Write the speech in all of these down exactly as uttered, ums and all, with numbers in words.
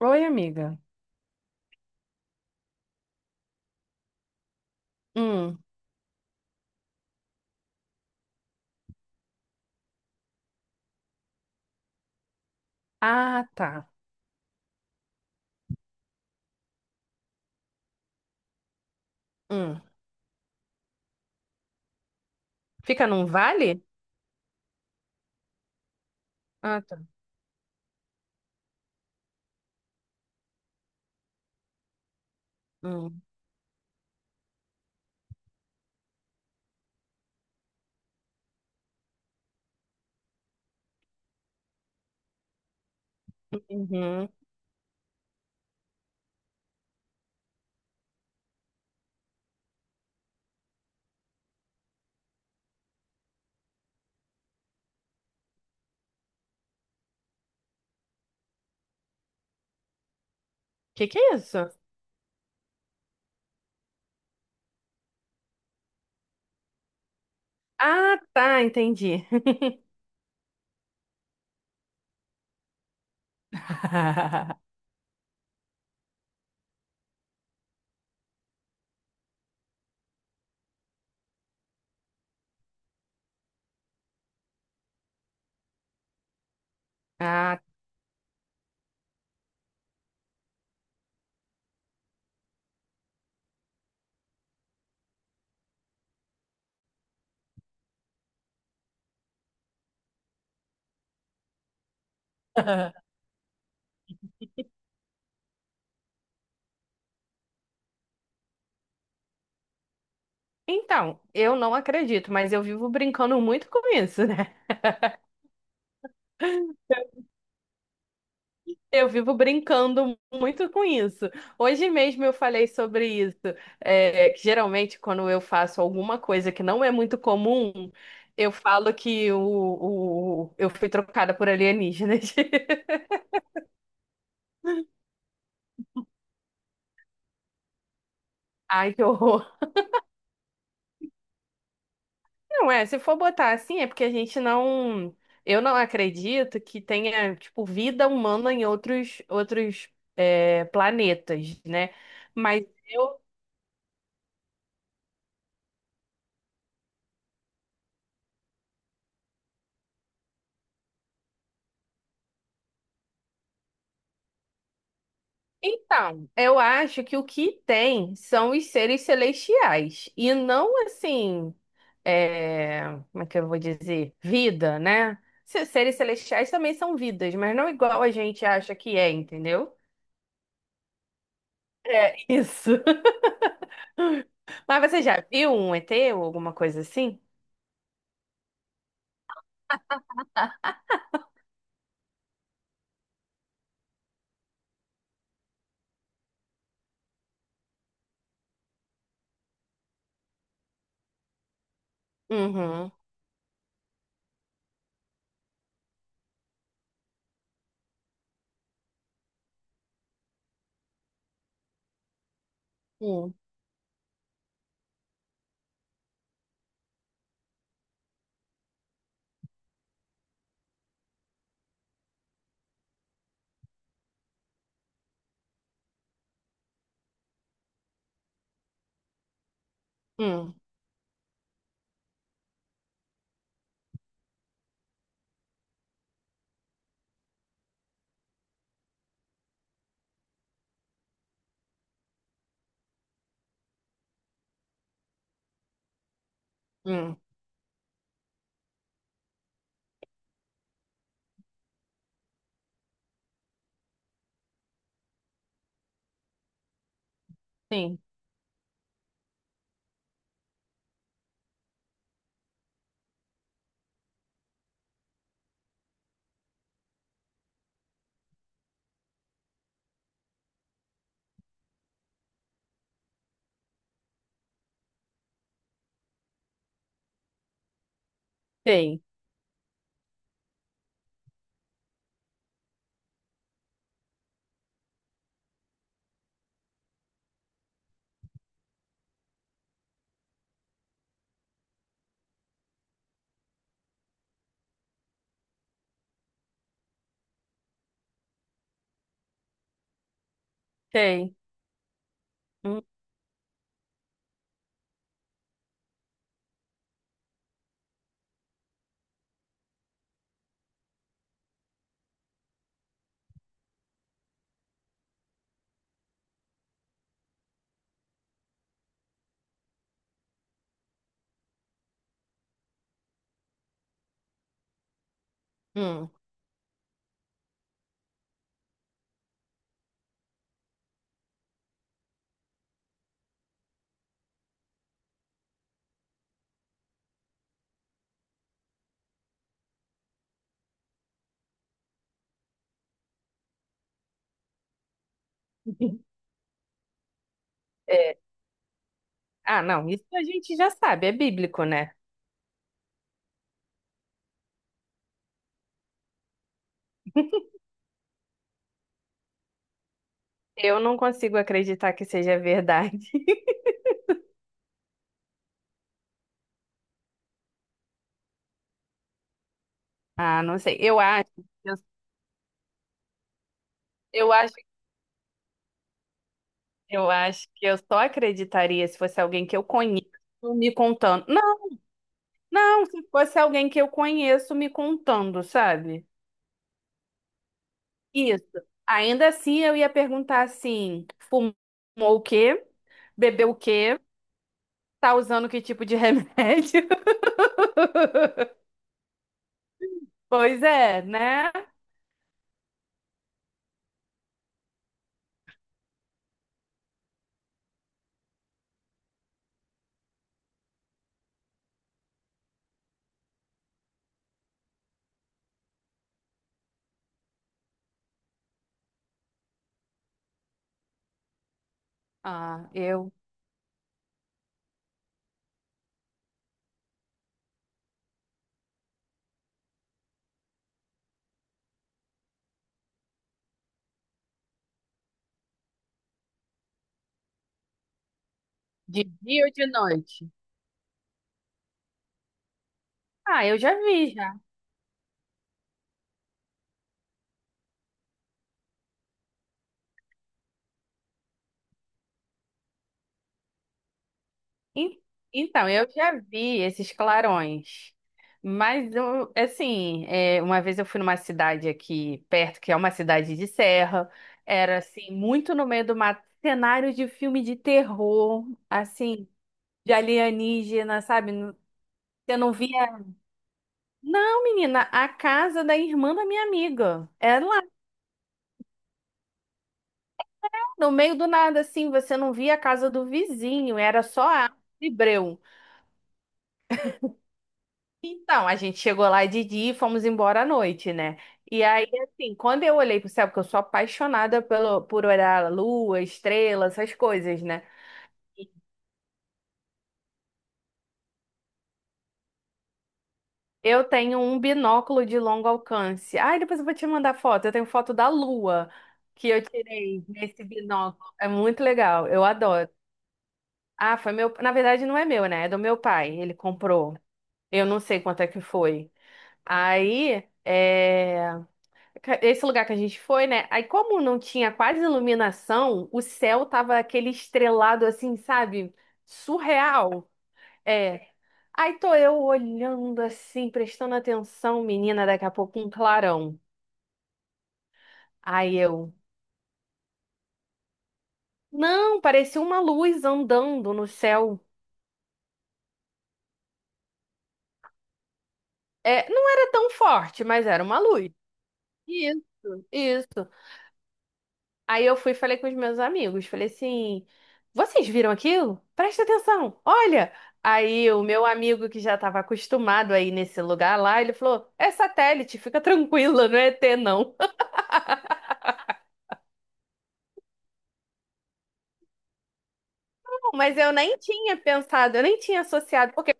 Oi, amiga. Hum. Ah, tá. Hum. Fica num vale? Ah, tá. Hum. Uhum. Que que é isso? Ah, tá, entendi. Ah, então, eu não acredito, mas eu vivo brincando muito com isso, né? Eu vivo brincando muito com isso. Hoje mesmo eu falei sobre isso. É, que geralmente, quando eu faço alguma coisa que não é muito comum, eu falo que o, o- eu fui trocada por alienígenas. Ai, que horror. Não é, se for botar assim, é porque a gente não. Eu não acredito que tenha, tipo, vida humana em outros, outros, é, planetas, né? Mas. eu Então, eu acho que o que tem são os seres celestiais e não assim, é, como é que eu vou dizer? Vida, né? Se- Seres celestiais também são vidas, mas não igual a gente acha que é, entendeu? É isso. Mas você já viu um E T ou alguma coisa assim? Uhum. Hum, hum, hum. Sim, tem, tem. Hum, hum. É. Ah, não, isso a gente já sabe, é bíblico, né? Eu não consigo acreditar que seja verdade. Ah, não sei. Eu acho, eu, eu acho, eu acho que eu só acreditaria se fosse alguém que eu conheço me contando. Não, não, Se fosse alguém que eu conheço me contando, sabe? Isso. Ainda assim, eu ia perguntar assim: fumou o quê? Bebeu o quê? Tá usando que tipo de remédio? Pois é, né? Ah, eu. De dia ou de noite? Ah, eu já vi. En- Então, eu já vi esses clarões, mas eu, assim, é, uma vez eu fui numa cidade aqui perto, que é uma cidade de serra, era assim, muito no meio do mato, cenário de filme de terror, assim, de alienígena, sabe? Você não via. Não, menina, a casa da irmã da minha amiga. Era lá, no meio do nada, assim, você não via a casa do vizinho, era só a breu. Então, a gente chegou lá de dia e fomos embora à noite, né? E aí, assim, quando eu olhei pro céu, porque eu sou apaixonada pelo, por olhar a lua, estrela, essas coisas, né? Eu tenho um binóculo de longo alcance. Ai, depois eu vou te mandar foto. Eu tenho foto da lua que eu tirei nesse binóculo. É muito legal, eu adoro. Ah, foi meu. Na verdade, não é meu, né? É do meu pai. Ele comprou. Eu não sei quanto é que foi. Aí, é. Ca- esse lugar que a gente foi, né? Aí, como não tinha quase iluminação, o céu tava aquele estrelado assim, sabe? Surreal. É. Aí tô eu olhando assim, prestando atenção, menina, daqui a pouco um clarão. Aí eu, não, parecia uma luz andando no céu. É, não era tão forte, mas era uma luz. Isso, isso. Aí eu fui e falei com os meus amigos, falei assim, vocês viram aquilo? Presta atenção, olha! Aí o meu amigo que já estava acostumado aí nesse lugar lá, ele falou, é satélite, fica tranquila, não é E T não. Mas eu nem tinha pensado, eu nem tinha associado, porque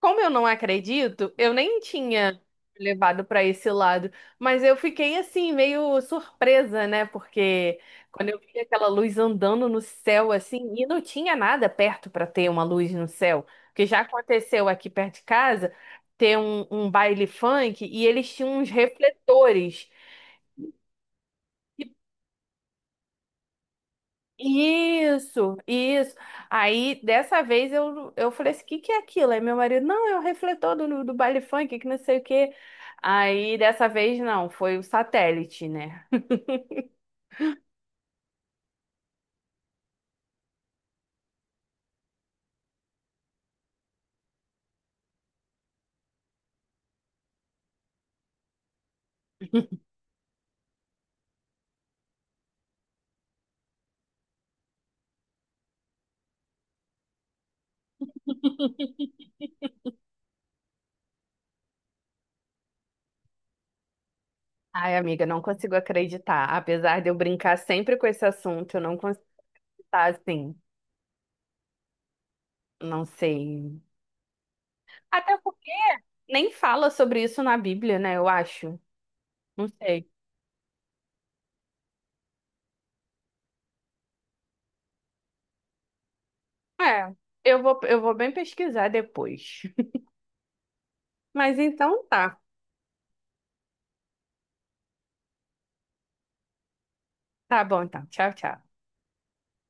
como eu não acredito, eu nem tinha levado para esse lado, mas eu fiquei assim meio surpresa, né? Porque quando eu vi aquela luz andando no céu assim, e não tinha nada perto para ter uma luz no céu, porque já aconteceu aqui perto de casa ter um, um baile funk e eles tinham uns refletores. Isso, isso. Aí, dessa vez, eu, eu falei assim, o que que é aquilo? Aí meu marido, não, é o refletor do, do baile funk, que não sei o quê. Aí, dessa vez, não, foi o satélite, né? Ai, amiga, não consigo acreditar. Apesar de eu brincar sempre com esse assunto, eu não consigo estar assim, não sei. Até porque nem fala sobre isso na Bíblia, né? Eu acho. Não sei. É, eu vou, eu vou bem pesquisar depois. Mas então tá. Tá bom, então. Tchau, tchau.